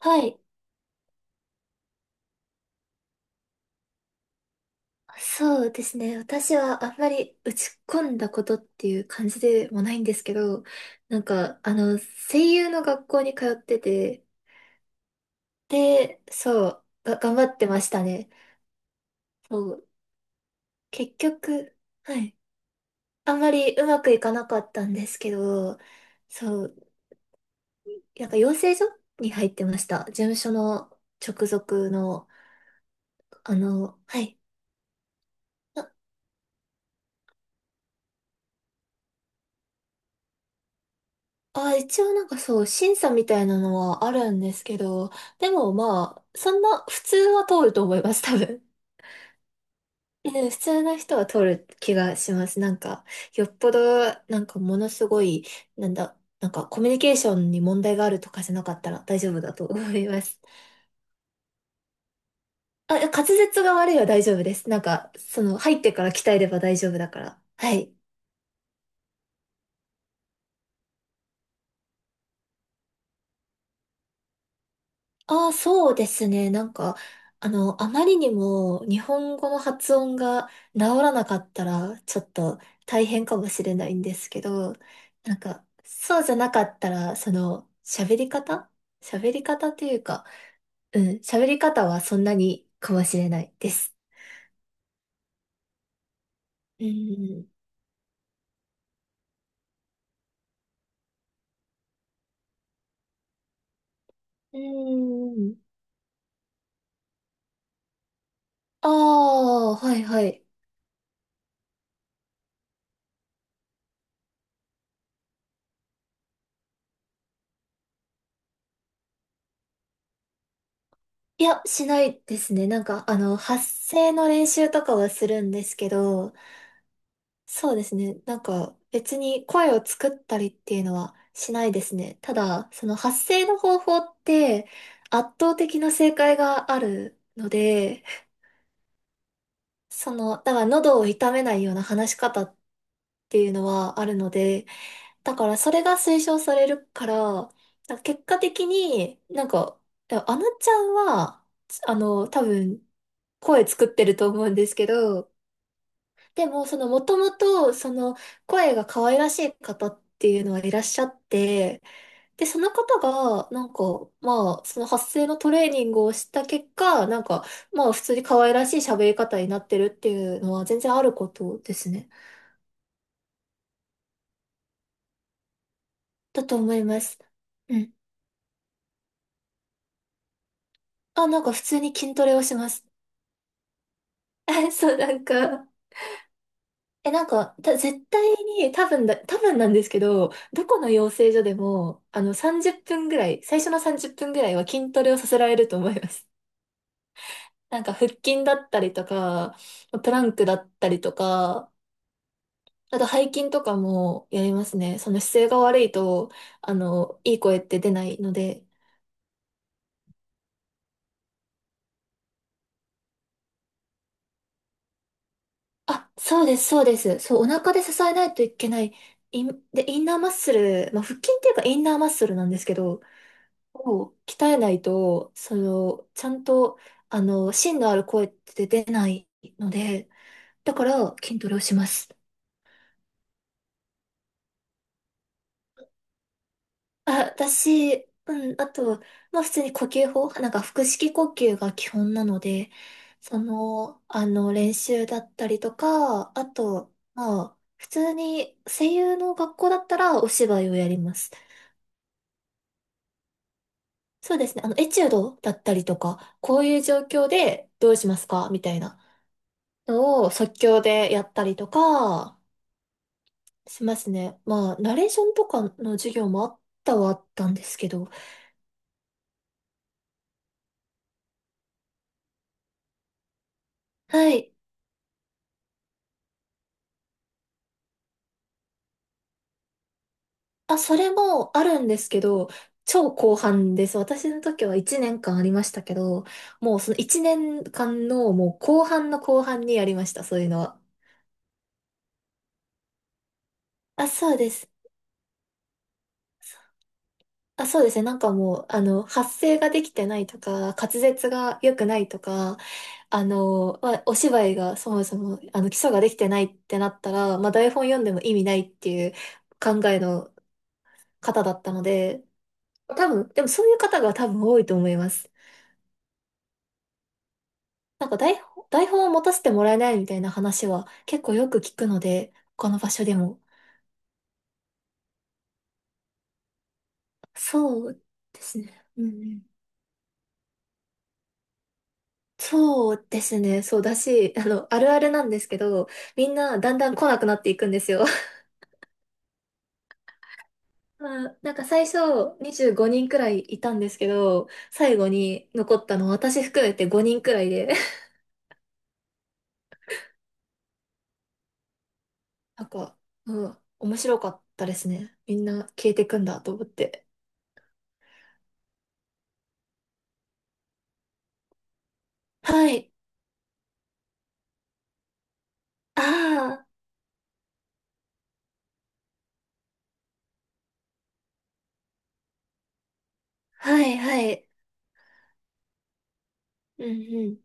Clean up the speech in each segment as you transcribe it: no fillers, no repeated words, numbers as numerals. はい。そうですね。私はあんまり打ち込んだことっていう感じでもないんですけど、なんか、あの、声優の学校に通ってて、で、そう、が、頑張ってましたね。そう、結局、はい。あんまりうまくいかなかったんですけど、そう、なんか養成所に入ってました。事務所の直属の、はい。一応なんかそう、審査みたいなのはあるんですけど、でもまあ、そんな、普通は通ると思います、多分。うん、普通の人は通る気がします。なんか、よっぽど、なんかものすごい、なんかコミュニケーションに問題があるとかじゃなかったら大丈夫だと思います。あ、いや滑舌が悪いは大丈夫です。なんか、その、入ってから鍛えれば大丈夫だから。はい。ああ、そうですね。あまりにも日本語の発音が治らなかったら、ちょっと大変かもしれないんですけど、なんか、そうじゃなかったら、その、喋り方というか、うん、喋り方はそんなにかもしれないです。うん。うん。ああ、はいはい。いや、しないですね。なんか、あの、発声の練習とかはするんですけど、そうですね。なんか別に声を作ったりっていうのはしないですね。ただ、その発声の方法って圧倒的な正解があるので、その、だから喉を痛めないような話し方っていうのはあるので、だからそれが推奨されるから、だから結果的になんか、あのちゃんは、あの、多分声作ってると思うんですけど、でも、その、もともと、その、声が可愛らしい方っていうのはいらっしゃって、で、その方が、なんか、まあ、その発声のトレーニングをした結果、なんか、まあ、普通に可愛らしい喋り方になってるっていうのは全然あることですね。だと思います。うん。あ、なんか普通に筋トレをします。そう、なんか、なんか、絶対に、多分なんですけど、どこの養成所でも、あの、30分ぐらい、最初の30分ぐらいは筋トレをさせられると思います。なんか、腹筋だったりとか、プランクだったりとか、あと背筋とかもやりますね。その姿勢が悪いと、あの、いい声って出ないので。あ、そうです、そうです。そう、お腹で支えないといけない。で、インナーマッスル、まあ、腹筋っていうかインナーマッスルなんですけど、を鍛えないと、その、ちゃんと、あの、芯のある声って出ないので、だから筋トレをします。あ、うん、あと、まあ普通に呼吸法、なんか腹式呼吸が基本なので、その、あの、練習だったりとか、あと、まあ、普通に声優の学校だったらお芝居をやります。そうですね。あの、エチュードだったりとか、こういう状況でどうしますかみたいな。を即興でやったりとかしますね。まあ、ナレーションとかの授業もあったはあったんですけど。はい。あ、それもあるんですけど、超後半です。私の時は1年間ありましたけど、もうその1年間のもう後半の後半にやりました、そういうのは。あ、そうです。あ、そうですね。なんかもう、あの、発声ができてないとか、滑舌が良くないとか、あの、まあ、お芝居がそもそも、あの、基礎ができてないってなったら、まあ、台本読んでも意味ないっていう考えの方だったので、多分、でもそういう方が多分多いと思います。なんか台本を持たせてもらえないみたいな話は結構よく聞くので、他の場所でも。そうですね。うんうん、そうですね。そうだし、あの、あるあるなんですけど、みんなだんだん来なくなっていくんですよ。まあ、なんか最初25人くらいいたんですけど、最後に残ったの私含めて5人くらいで、なんか、うん、面白かったですね。みんな消えてくんだと思って。はい。ああ、はいはい。うんうん。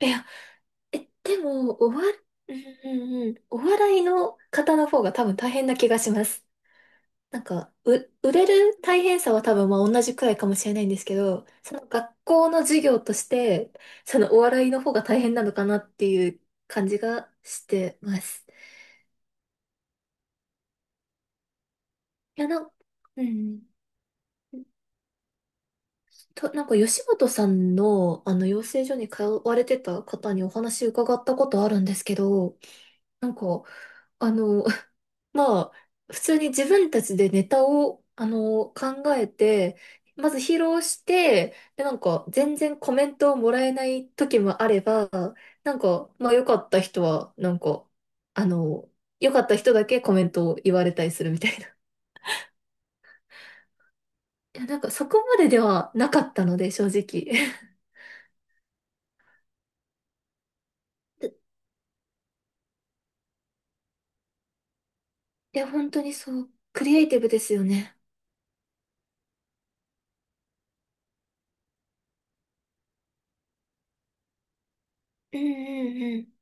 いや、でも、うんうんうん。お笑いの方の方が多分大変な気がします。なんか、売れる大変さは多分まあ同じくらいかもしれないんですけど、その学校の授業として、そのお笑いの方が大変なのかなっていう感じがしてます。いや、うん。なんか吉本さんのあの養成所に通われてた方にお話伺ったことあるんですけど、なんか、あの、まあ、普通に自分たちでネタを、あの、考えて、まず披露して、で、なんか、全然コメントをもらえない時もあれば、なんか、まあ、良かった人は、なんか、あの、良かった人だけコメントを言われたりするみたいな。いや、なんか、そこまでではなかったので、正直。いや、本当にそう、クリエイティブですよね。うんうん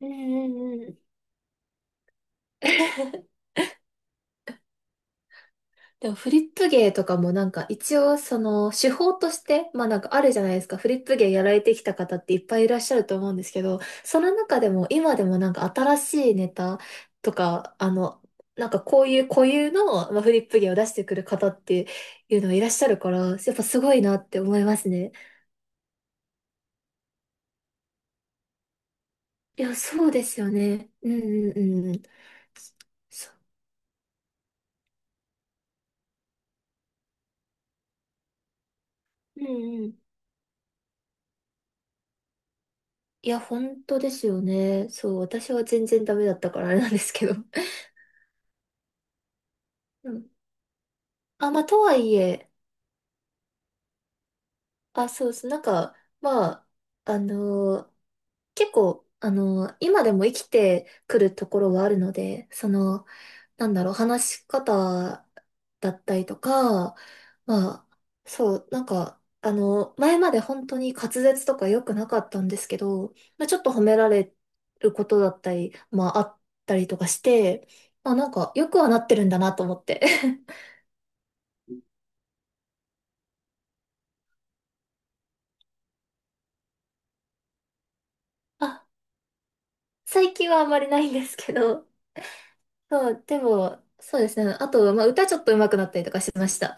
うん。うんうんうん。でもフリップ芸とかもなんか一応その手法として、まあなんかあるじゃないですか。フリップ芸やられてきた方っていっぱいいらっしゃると思うんですけど、その中でも今でもなんか新しいネタとか、あの、なんかこういう固有の、まあ、フリップ芸を出してくる方っていうのがいらっしゃるから、やっぱすごいなって思いますね。いや、そうですよね。うんうんうん。そうんうん。いや、本当ですよね。そう、私は全然ダメだったからあれなんですけど。うん、あ、まあ、とはいえ、あ、そうです。なんか、まあ、あのー結構、今でも生きてくるところはあるので、その、なんだろう、話し方だったりとか、まあ、そう、なんか、あの、前まで本当に滑舌とか良くなかったんですけど、まあ、ちょっと褒められることだったり、まあ、あったりとかして、まあ、なんか、よくはなってるんだなと思って。あ、最近はあんまりないんですけど、そう、でも、そうですね。あと、まあ、歌ちょっと上手くなったりとかしました。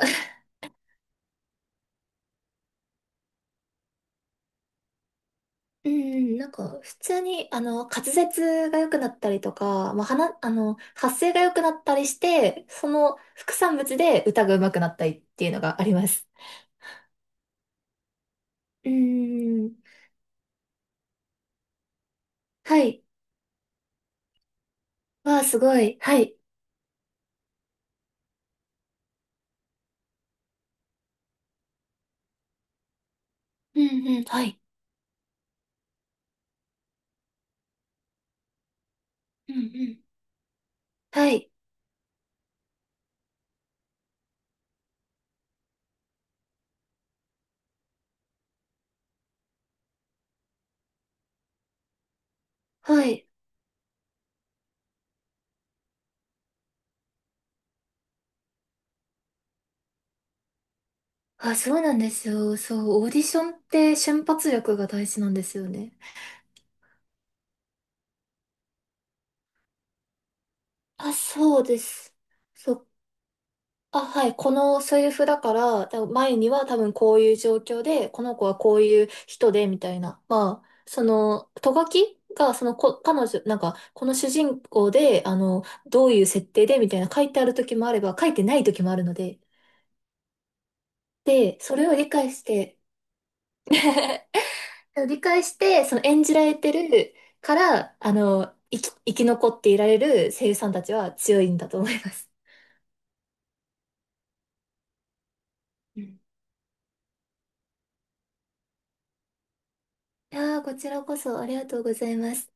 うん、なんか、普通に、あの、滑舌が良くなったりとか、まあ、話、あの、発声が良くなったりして、その副産物で歌が上手くなったりっていうのがあります。うん、はい。わあ、すごい。はい。うんうん、はい。うんうん。はい。はい。あ、そうなんですよ。そう、オーディションって瞬発力が大事なんですよね。あ、そうです。そう、あ、はい。このセリフだから、多分前には多分こういう状況で、この子はこういう人で、みたいな。まあ、その、ト書きが、そのこ、彼女、なんか、この主人公で、あの、どういう設定で、みたいな書いてある時もあれば、書いてない時もあるので。で、それを理解して、理解して、その演じられてるから、あの、生き残っていられる声優さんたちは強いんだと思います。うん、いやー、こちらこそありがとうございます。